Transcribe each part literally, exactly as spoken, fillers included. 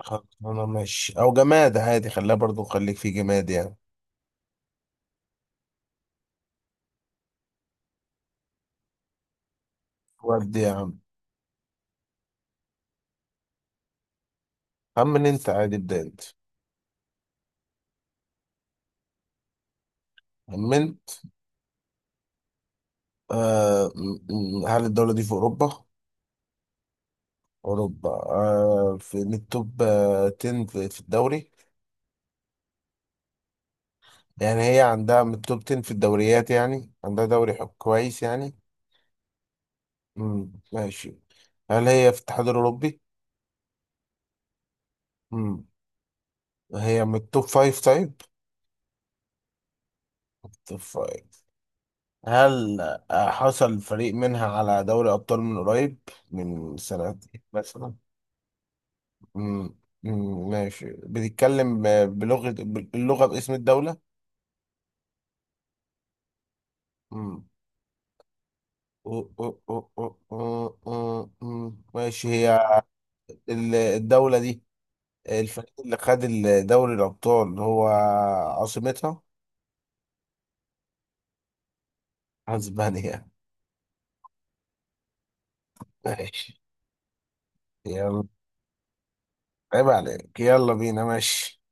خلصانة ماشي أو جماد عادي، خليها برضو خليك في جماد يعني. ودي يا عم. خمن أنت عادي، ابدأ أنت. خمنت. آه م- م- هل الدولة دي في أوروبا؟ أوروبا، آه في من التوب آه عشرة في في الدوري. يعني هي عندها من التوب عشرة في الدوريات، يعني عندها دوري حب كويس يعني. مم. ماشي. هل هي في الاتحاد الأوروبي؟ مم. هي من التوب خمسة طيب؟ توب خمسة. هل حصل فريق منها على دوري أبطال من قريب، من سنتين مثلا؟ مم. مم. ماشي، بتتكلم ب- بلغة باللغة باسم الدولة؟ مم. أو- أو- أو- أو- أو- أو- مم. ماشي هي ال- الدولة دي. الفريق اللي خد ال- دوري الأبطال هو عاصمتها أسبانيا. ماشي يلا. عيب عليك، يلا بينا ماشي.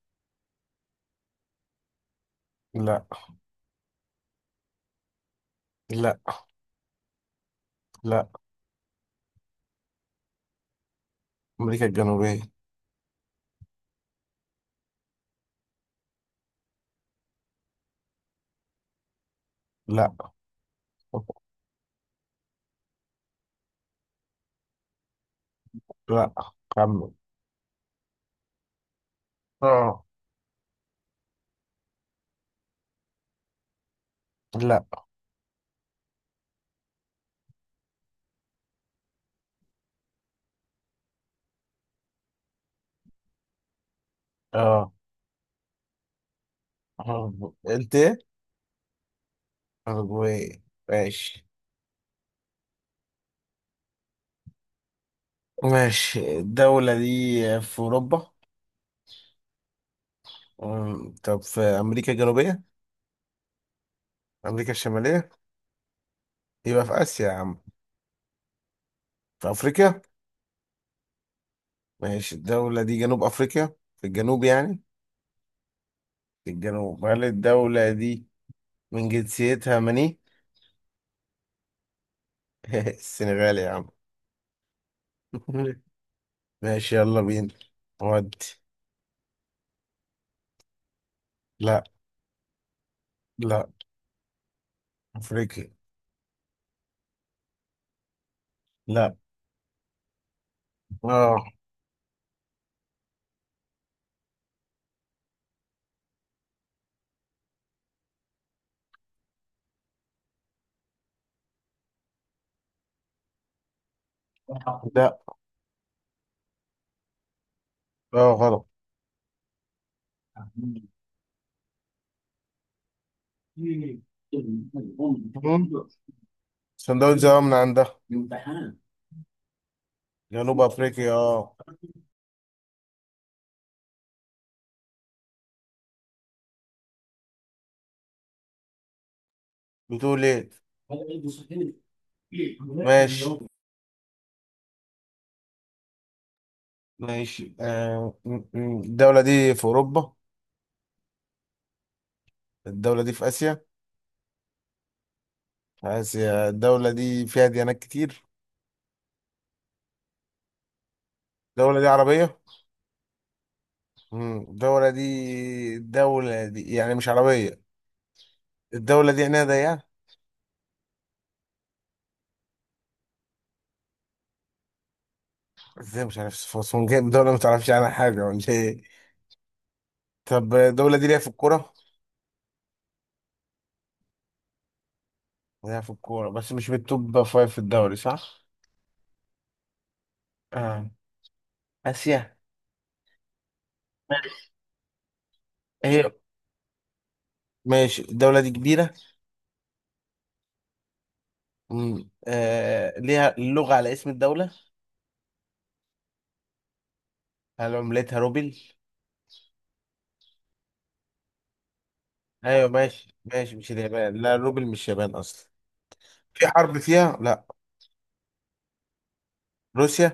لا. لا. لا. أمريكا الجنوبية. لا. لا. خمن. اه. لا. اه. أرجو- قلت ايه؟ أرجواي. ماشي ماشي، الدولة دي في أوروبا. أم، طب في أمريكا الجنوبية. أمريكا الشمالية. يبقى في آسيا يا عم. في أفريقيا. ماشي الدولة دي جنوب أفريقيا، في الجنوب يعني. في الجنوب، هل الدولة دي من جنسيتها مني؟ السنغال يا عم. ماشي يلا بينا. ودي. لا. لا. أفريقيا. لا. اه. لا. اه غلط. مم. صن داونز اه من عندها. جنوب افريقيا اه. بتقول ايه؟ ماشي. ماشي آه. م- م- الدولة دي في اوروبا. الدولة دي في اسيا. في اسيا الدولة دي فيها ديانات كتير. الدولة دي عربية. مم. الدولة دي الدولة دي يعني مش عربية. الدولة دي عينيها ضيقة. ازاي مش عارف صفات، جايب دولة ما تعرفش عنها حاجة ولا ايه؟ طب الدولة دي ليها في الكورة. لعب في الكورة بس مش بالتوب فايف في الدوري صح؟ آه. آسيا. هي ماشي الدولة دي كبيرة. مم. آه. ليها اللغة على اسم الدولة. هل عملتها روبل؟ أيوة ماشي ماشي، مش اليابان، لا روبل مش يابان أصلا. في حرب فيها؟ لا. روسيا.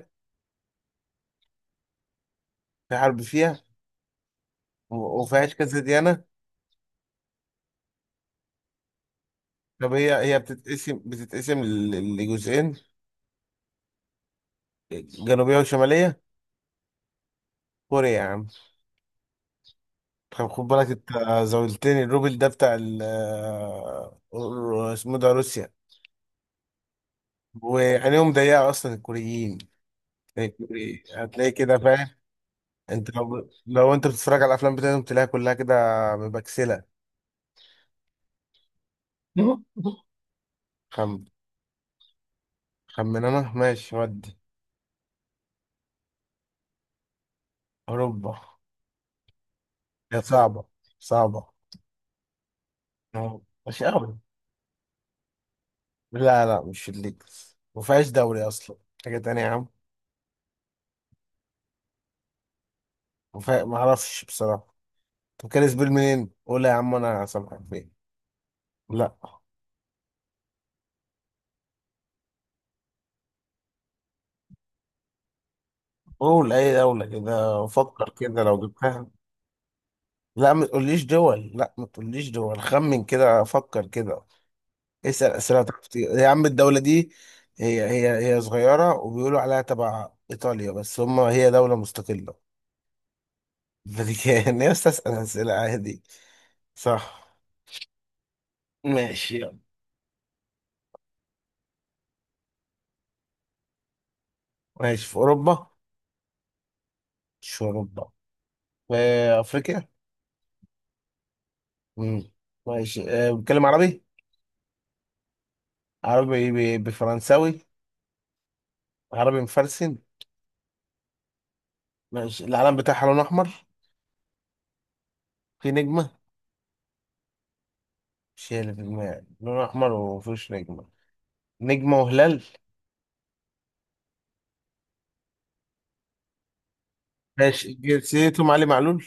في حرب فيها. و- وفيهاش كذا ديانة. طب هي هي بتتقسم بتتقسم ل- لجزئين، جنوبية وشمالية. كوريا يا عم. طب خد بالك انت. زولتني الروبل ده بتاع ال، آه، اسمه ده روسيا. وعينيهم ضيقة أصلا الكوريين. هتلاقي الكوري- هتلاقي كده فاهم. أنت لو لو أنت بتتفرج على الأفلام بتاعتهم تلاقيها كلها كده، مبكسلة. خم خمن أنا ماشي ودي. أوروبا. هي صعبة، صعبة. أهو. مش أوي. لا، لا مش الليج، مفيهاش دوري أصلا، حاجة تانية يا عم. مفيه... معرفش بصراحة. طب كان سبيل منين؟ قول يا عم أنا سامحك فين. لا. قول أي دولة كده وفكر كده لو جبتها. لا، ما تقوليش دول. لا، ما تقوليش دول. خمن كده، فكر كده. اسأل أسئلة تعرف تجيب-، يا عم الدولة دي. هي هي هي صغيرة وبيقولوا عليها تبع إيطاليا، بس هم هي دولة مستقلة. الفاتيكان. يا أستاذ أسأل أسئلة عادي. صح. ماشي يلا. ماشي في أوروبا. مش في أوروبا. في أفريقيا. مم. ماشي أه بتكلم عربي. عربي. ب- بفرنساوي. عربي مفرسن. ماشي العلم بتاعها لون أحمر. في نجمة. شيء اللي في دماغي لون أحمر ومفيش نجمة، نجمة وهلال. ماشي جنسيتهم علي معلول.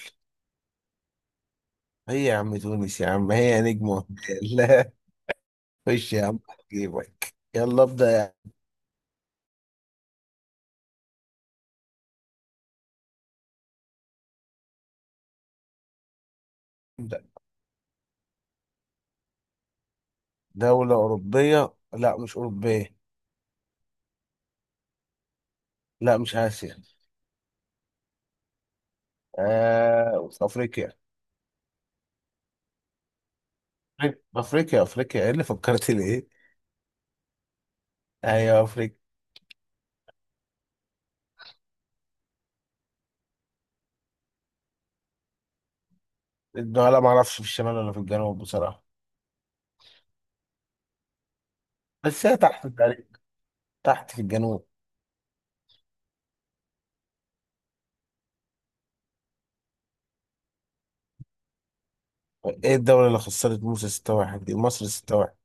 هي يا عم تونس يا عم، هي نجمة وهلال. لا. خش يا عم جيبك، يلا ابدأ يا عم. ابدأ. دولة أوروبية؟ لا مش أوروبية. لا مش آسيا. آه في أفريقيا. أفريقيا أفريقيا أفريقيا. إيه اللي فكرت ليه؟ أيوة أفريقيا. لا ما أعرفش في الشمال ولا في الجنوب بصراحة. بس هي تحت تقريبا، تحت في الجنوب. إيه الدولة اللي خسرت موسى ستة واحد دي، مصر ستة واحد.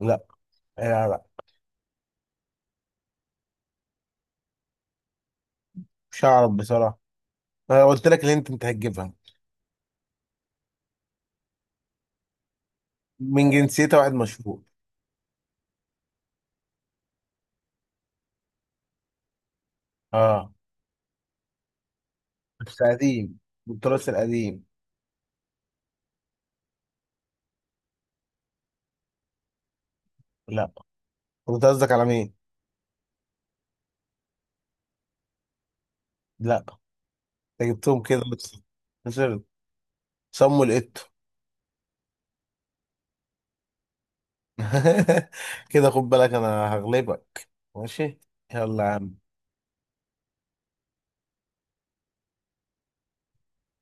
لا. لا لا. مش هعرف بصراحة. أنا قلت لك اللي أنت أنت هتجيبها. من جنسيته واحد مشهور. اه، بس قديم، التراث القديم. لا. انت قصدك على مين؟ لا. انت جبتهم كده بس. خسرت. صموا لقيته. كده خد بالك انا هغلبك. ماشي. يلا يا عم.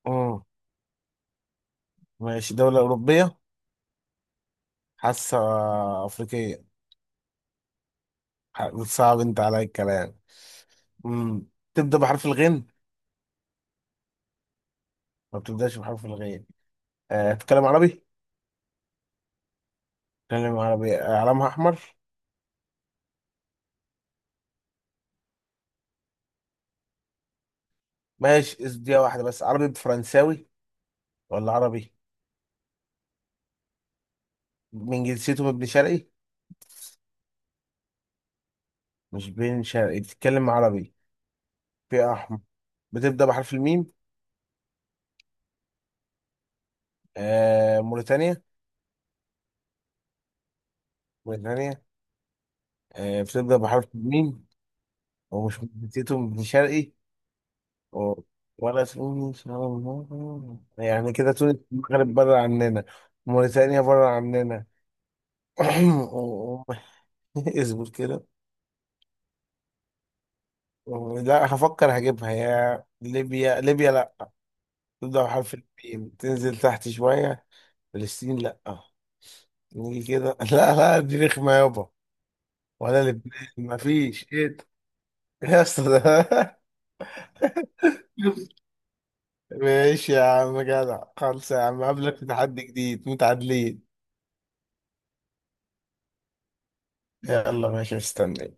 مم. ماشي دولة أوروبية، حاسة. أفريقية. ح- صعب أنت عليا الكلام. مم. تبدأ بحرف الغين. ما بتبدأش بحرف الغين. أه تتكلم عربي. تتكلم عربي، آه، علامها أحمر. ماشي إس- دي واحدة بس، عربي بفرنساوي ولا عربي. من جنسيته من ابن شرقي. مش بين شرقي بتتكلم عربي، فئة أحمر، بتبدأ بحرف الميم. آه موريتانيا. موريتانيا. آه بتبدأ بحرف الميم. ومش من جنسيته من ابن شرقي. و- ولا تونس. يعني كده تونس المغرب بره عننا، موريتانيا بره عننا. اصبر كده. لا هفكر هجيبها، يا ليبيا ليبيا. تبدأ بحرف الميم، تنزل تحت شوية. فلسطين لأ. نيجي كده. لا لا دي رخمة يابا. ولا لبنان، مفيش ايه ده؟ يا اسطى ده. ماشي يا عم جدع، خلص يا عم قابلك في تحدي جديد، متعادلين. يلا ماشي استنى.